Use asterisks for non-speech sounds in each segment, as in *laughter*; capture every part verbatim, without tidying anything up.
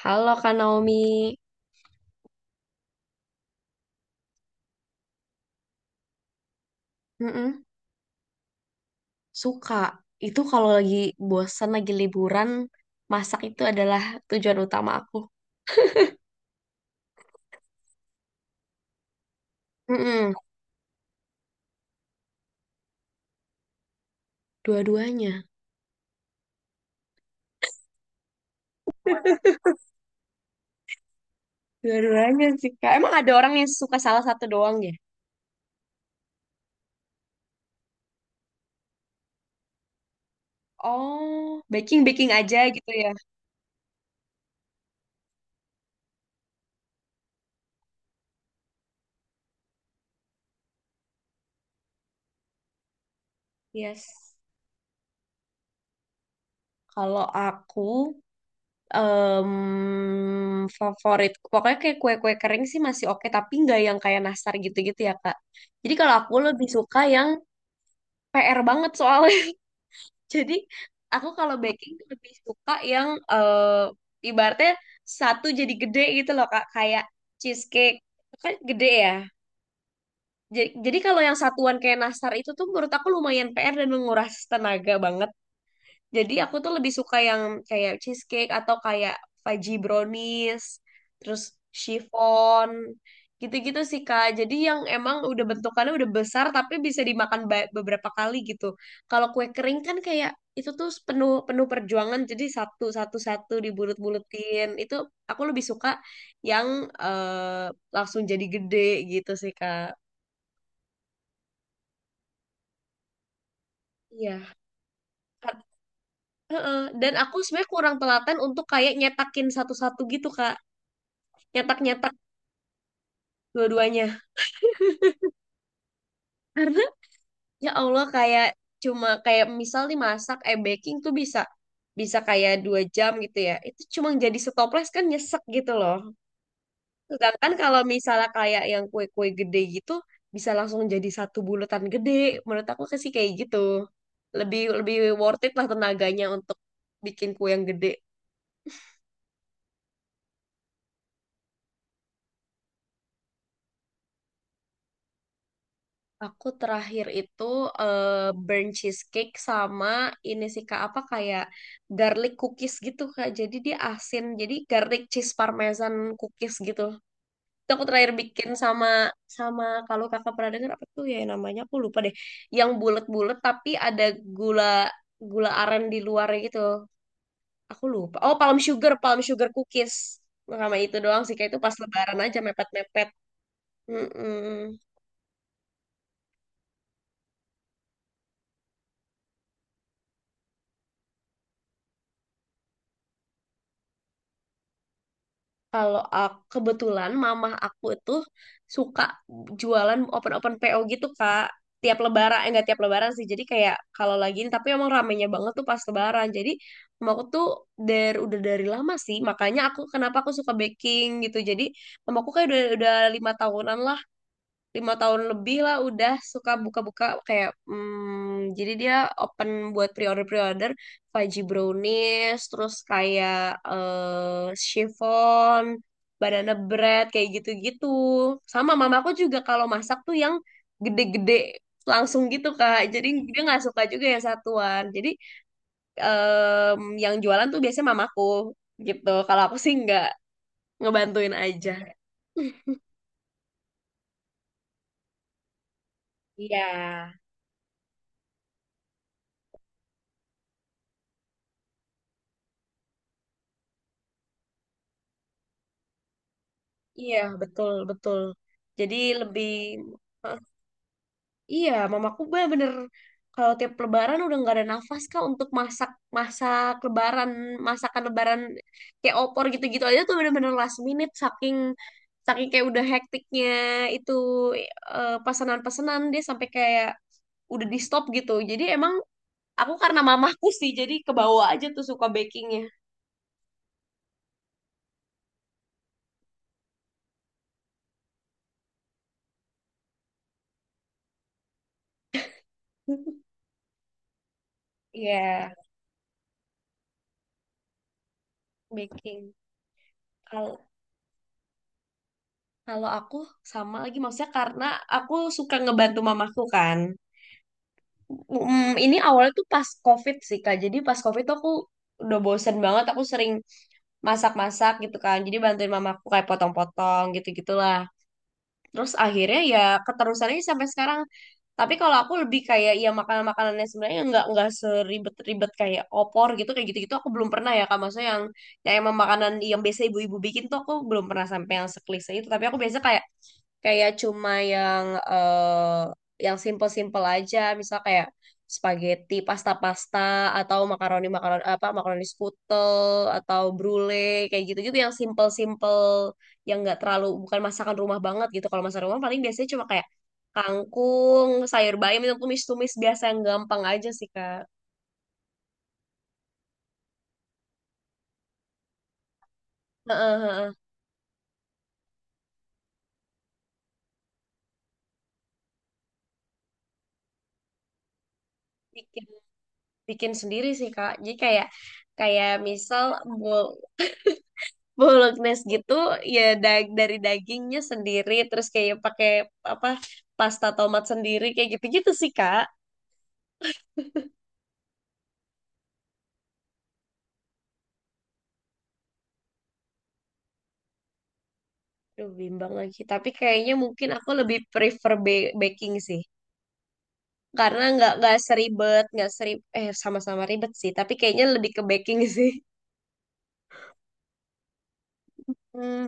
Halo Kak Naomi. Mm-mm. Suka. Itu kalau lagi bosan, lagi liburan, masak itu adalah tujuan utama aku. Mm-mm. Dua-duanya. Dua-duanya sih, Kak. Emang ada orang yang suka salah satu doang ya? Oh, baking-baking aja gitu ya. Yes. Kalau aku, em, favorit, pokoknya kayak kue-kue kering sih masih oke, tapi nggak yang kayak nastar gitu-gitu ya Kak. Jadi kalau aku lebih suka yang P R banget soalnya. Jadi aku kalau baking tuh lebih suka yang eh, ibaratnya satu jadi gede gitu loh Kak, kayak cheesecake. Itu kan gede ya. Ja- Jadi, kalau yang satuan kayak nastar itu tuh menurut aku lumayan P R dan menguras tenaga banget. Jadi aku tuh lebih suka yang kayak cheesecake atau kayak fudgy brownies, terus chiffon, gitu-gitu sih Kak. Jadi yang emang udah bentukannya udah besar tapi bisa dimakan ba- beberapa kali gitu. Kalau kue kering kan kayak itu tuh penuh penuh perjuangan jadi satu satu satu dibulut-bulutin. Itu aku lebih suka yang eh, langsung jadi gede gitu sih Kak. Iya. Kak- Heeh. Dan aku sebenarnya kurang telaten untuk kayak nyetakin satu-satu gitu, Kak. Nyetak-nyetak dua-duanya karena ya Allah kayak cuma kayak misal nih masak eh baking tuh bisa bisa kayak dua jam gitu ya itu cuma jadi setoples kan nyesek gitu loh. Sedangkan kalau misalnya kayak yang kue-kue gede gitu bisa langsung jadi satu bulatan gede menurut aku sih kayak gitu lebih lebih worth it lah tenaganya untuk bikin kue yang gede. Aku terakhir itu eh, burnt cheesecake sama ini sih Kak apa kayak garlic cookies gitu Kak. Jadi dia asin. Jadi garlic cheese parmesan cookies gitu. Itu aku terakhir bikin sama sama kalau Kakak pernah dengar apa tuh ya namanya aku lupa deh. Yang bulat-bulat tapi ada gula gula aren di luarnya gitu. Aku lupa. Oh, palm sugar, palm sugar cookies. Sama itu doang sih kayak itu pas lebaran aja mepet-mepet. Mm-mm. Kalau aku, kebetulan mamah aku itu suka jualan open-open P O gitu, Kak. Tiap lebaran, eh, enggak tiap lebaran sih. Jadi kayak kalau lagi ini, tapi emang ramenya banget tuh pas lebaran. Jadi mama aku tuh dari udah dari lama sih. Makanya aku kenapa aku suka baking gitu. Jadi mamaku kayak udah udah lima tahunan lah lima tahun lebih lah udah suka buka-buka kayak hmm, jadi dia open buat pre-order pre-order fudgy brownies terus kayak eh chiffon banana bread kayak gitu-gitu sama mamaku juga kalau masak tuh yang gede-gede langsung gitu kak jadi dia nggak suka juga yang satuan jadi em, yang jualan tuh biasanya mamaku gitu kalau aku sih nggak ngebantuin aja. Iya. Iya, betul, betul. Jadi lebih. Hah, iya, mamaku bener-bener kalau tiap lebaran udah nggak ada nafas kak untuk masak masak lebaran, masakan lebaran kayak opor gitu-gitu aja tuh bener-bener last minute saking saking kayak udah hektiknya itu eh, pesanan-pesanan dia sampai kayak udah di stop gitu. Jadi emang aku karena mamahku sih jadi kebawa aja tuh suka bakingnya. *laughs* Iya, baking. Kalau aku sama lagi maksudnya karena aku suka ngebantu mamaku kan. Mm, ini awalnya tuh pas COVID sih Kak. Jadi pas COVID tuh aku udah bosen banget. Aku sering masak-masak gitu kan. Jadi bantuin mamaku kayak potong-potong gitu-gitulah. Terus akhirnya ya keterusannya sampai sekarang. Tapi kalau aku lebih kayak ya makanan-makanannya sebenarnya nggak nggak seribet-ribet kayak opor gitu kayak gitu-gitu aku belum pernah ya Kak. Maksudnya yang yang emang makanan yang biasa ibu-ibu bikin tuh aku belum pernah sampai yang seklise itu. Tapi aku biasa kayak kayak cuma yang eh yang simple-simple aja misal kayak spaghetti pasta-pasta atau makaroni makaroni apa makaroni skutel atau brulee kayak gitu-gitu yang simple-simple yang nggak terlalu bukan masakan rumah banget gitu kalau masakan rumah paling biasanya cuma kayak kangkung sayur bayam itu tumis-tumis biasa yang gampang aja sih kak. Heeh, heeh. bikin bikin sendiri sih kak jadi kayak kayak misal Bolognese gitu ya dag dari dagingnya sendiri terus kayak pakai apa pasta tomat sendiri kayak gitu-gitu sih Kak. Duh bimbang lagi tapi kayaknya mungkin aku lebih prefer ba- baking sih karena nggak nggak seribet nggak serib eh sama-sama ribet sih tapi kayaknya lebih ke baking *laughs* sih. Hmm,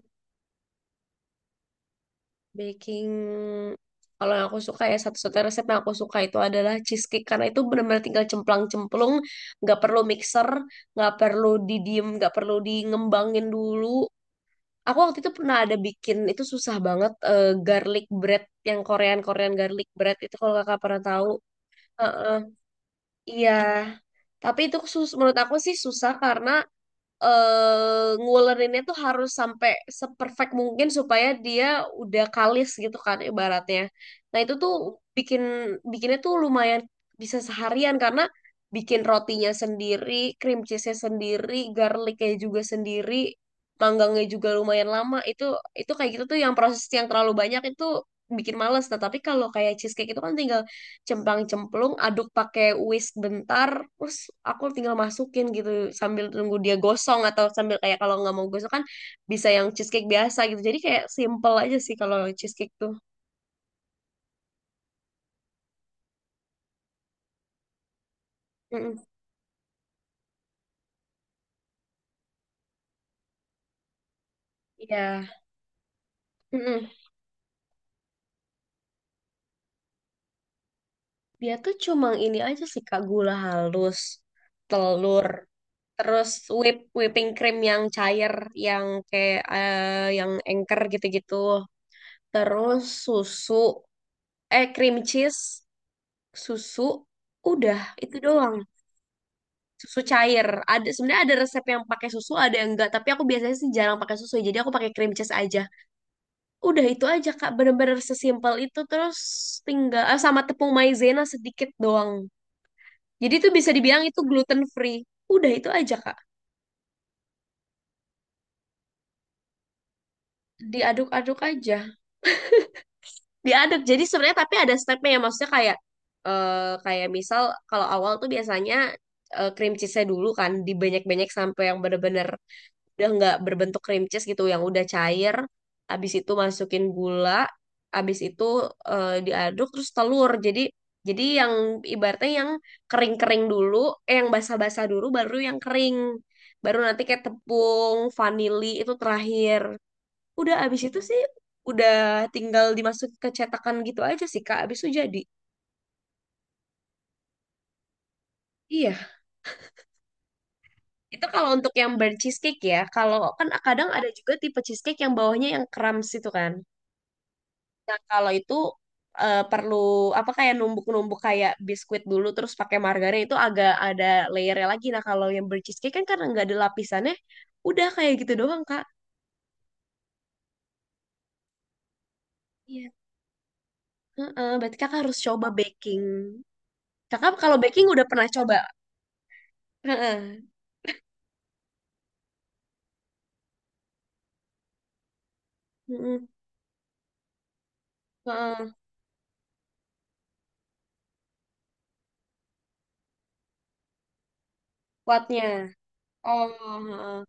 baking kalau yang aku suka ya satu-satunya resep yang aku suka itu adalah cheesecake karena itu benar-benar tinggal cemplang-cemplung nggak perlu mixer nggak perlu didiem nggak perlu di ngembangin dulu. Aku waktu itu pernah ada bikin itu susah banget eh, garlic bread yang Korean Korean garlic bread itu kalau kakak pernah tahu. Heeh, iya, tapi itu sus menurut aku sih susah karena eh ngulerinnya tuh harus sampai seperfect mungkin supaya dia udah kalis gitu kan ibaratnya. Nah itu tuh bikin bikinnya tuh lumayan bisa seharian karena bikin rotinya sendiri, cream cheese-nya sendiri, garlicnya juga sendiri, manggangnya juga lumayan lama. Itu itu kayak gitu tuh yang proses yang terlalu banyak itu bikin males. Nah tapi kalau kayak cheesecake itu kan tinggal cemplang-cemplung aduk pakai whisk bentar terus aku tinggal masukin gitu sambil tunggu dia gosong atau sambil kayak kalau nggak mau gosong kan bisa yang cheesecake biasa gitu jadi kayak simple aja sih kalau cheesecake tuh. Mm-mm. Iya. Mm-mm. Dia tuh cuma ini aja sih Kak gula halus telur terus whip whipping cream yang cair yang kayak eh, yang engker gitu-gitu terus susu eh cream cheese susu udah itu doang susu cair. Ada sebenarnya ada resep yang pakai susu, ada yang enggak. Tapi aku biasanya sih jarang pakai susu, jadi aku pakai cream cheese aja. Udah itu aja Kak, bener-bener sesimpel itu. Terus tinggal eh, sama tepung maizena sedikit doang. Jadi itu bisa dibilang itu gluten free. Udah itu aja Kak. Diaduk-aduk aja. Diaduk. Jadi sebenarnya tapi ada stepnya ya, maksudnya kayak eh kayak misal kalau awal tuh biasanya eh, cream cheese-nya dulu kan dibanyak-banyak sampai yang bener-bener udah nggak berbentuk cream cheese gitu yang udah cair habis itu masukin gula habis itu eh, diaduk terus telur jadi jadi yang ibaratnya yang kering-kering dulu eh, yang basah-basah dulu baru yang kering baru nanti kayak tepung vanili itu terakhir udah habis itu sih udah tinggal dimasuk ke cetakan gitu aja sih Kak habis itu jadi. Iya, itu kalau untuk yang burnt cheesecake ya. Kalau kan kadang ada juga tipe cheesecake yang bawahnya yang crumbs itu kan. Nah, kalau itu eh, perlu apa kayak numbuk-numbuk kayak biskuit dulu terus pakai margarin itu agak ada layernya lagi. Nah, kalau yang bercheesecake kan karena nggak ada lapisannya, udah kayak gitu doang, Kak. Iya. Heeh, berarti Kakak harus coba baking. Kakak kalau baking udah pernah coba? Heeh. Heeh. Heeh. Kuatnya. Oh, heeh.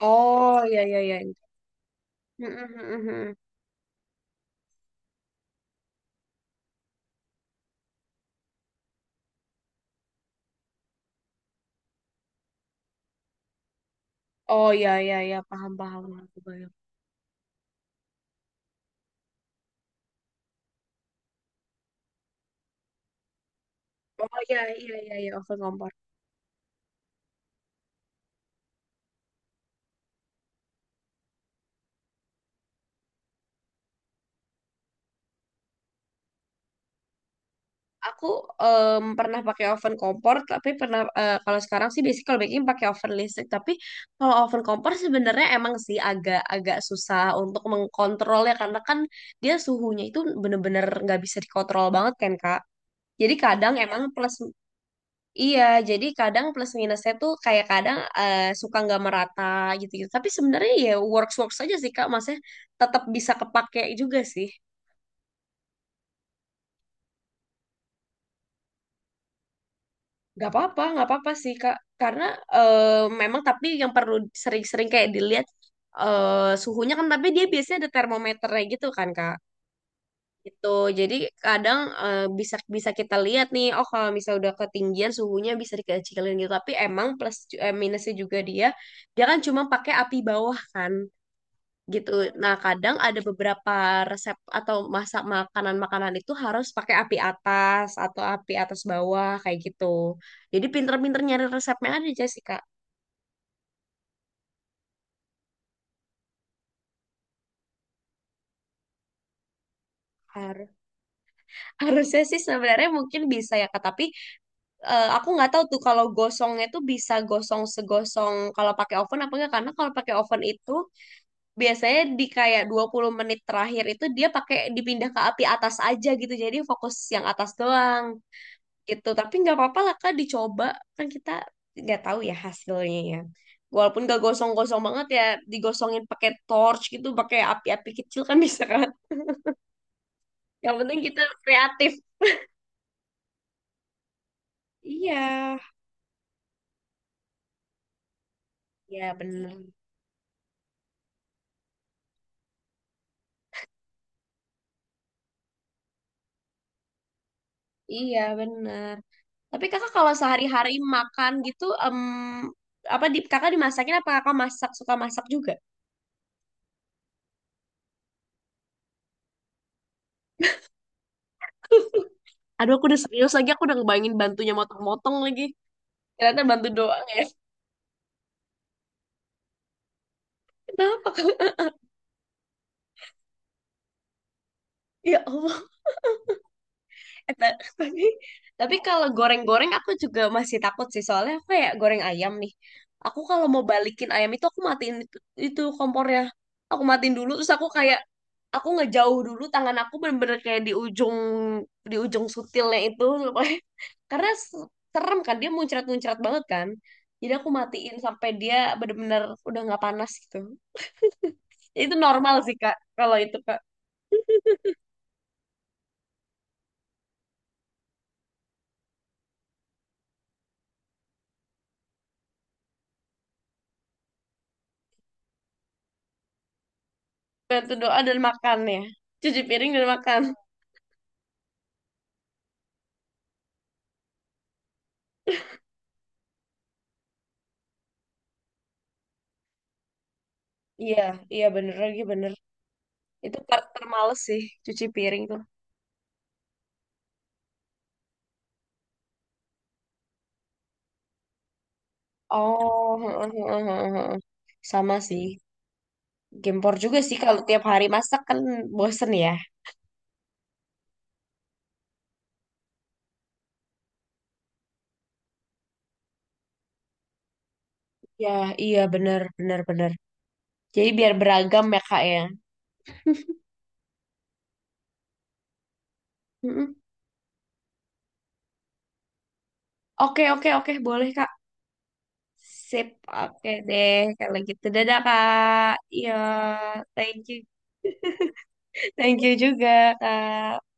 Oh, iya iya iya. Heeh, heeh, heeh. Oh, iya iya iya, paham paham aku bayang. Oh, iya iya iya iya, oven kompor. Aku em, pernah pakai oven kompor, tapi pernah eh, kalau sekarang sih basic kalau baking pakai oven listrik. Tapi kalau oven kompor sebenarnya emang sih agak-agak susah untuk mengkontrolnya karena kan dia suhunya itu bener-bener nggak bisa dikontrol banget kan Kak. Jadi kadang emang plus iya, jadi kadang plus minusnya tuh kayak kadang eh, suka nggak merata gitu-gitu. Tapi sebenarnya ya works-works aja sih Kak, maksudnya tetap bisa kepake juga sih. Gak apa-apa, nggak apa-apa sih Kak. Karena eh, memang tapi yang perlu sering-sering kayak dilihat eh, suhunya kan, tapi dia biasanya ada termometernya gitu kan Kak. Itu jadi kadang eh, bisa bisa kita lihat nih, oh kalau misalnya udah ketinggian suhunya bisa dikecilin gitu. Tapi emang plus ju- eh, minusnya juga dia, dia, kan cuma pakai api bawah kan gitu. Nah, kadang ada beberapa resep atau masak makanan-makanan itu harus pakai api atas atau api atas bawah kayak gitu. Jadi pinter-pinter nyari resepnya ada Jessica. Har- Harusnya sih sebenarnya mungkin bisa ya Kak, tapi eh, aku nggak tahu tuh kalau gosongnya tuh bisa gosong segosong kalau pakai oven apa enggak karena kalau pakai oven itu biasanya di kayak dua puluh menit terakhir itu dia pakai dipindah ke api atas aja gitu. Jadi fokus yang atas doang. Gitu tapi nggak apa-apa lah kak dicoba kan kita nggak tahu ya hasilnya ya walaupun gak gosong-gosong banget ya digosongin pakai torch gitu pakai api-api kecil kan *laughs* bisa kan yang penting kita kreatif. Iya ya bener iya bener tapi kakak kalau sehari-hari makan gitu em apa di kakak dimasakin apa kakak masak suka masak juga. Aduh aku udah serius lagi aku udah ngebayangin bantunya motong-motong lagi ternyata bantu doang ya. Kenapa ya Allah. Eh, ta- *laughs* tapi tapi kalau goreng-goreng aku juga masih takut sih soalnya aku kayak goreng ayam nih aku kalau mau balikin ayam itu aku matiin itu, itu kompornya aku matiin dulu terus aku kayak aku ngejauh dulu tangan aku bener-bener kayak di ujung di ujung sutilnya itu *laughs* pokoknya. Karena s- serem kan dia muncrat-muncrat banget kan jadi aku matiin sampai dia bener-bener udah nggak panas gitu itu normal sih kak kalau itu kak. Bantu doa dan makan ya cuci piring dan makan. Iya, iya bener lagi bener. Itu part termales sih, cuci piring tuh. Oh, *laughs* Sama sih. Gempor juga sih kalau tiap hari masak kan bosen ya. Ya, iya bener, bener, bener. Jadi biar beragam ya kak ya. Mm-mm. Oke, oke, oke, boleh kak. Sip, oke deh. Kalau gitu, dadah kak. Iya, thank you. *laughs* Thank you juga kak.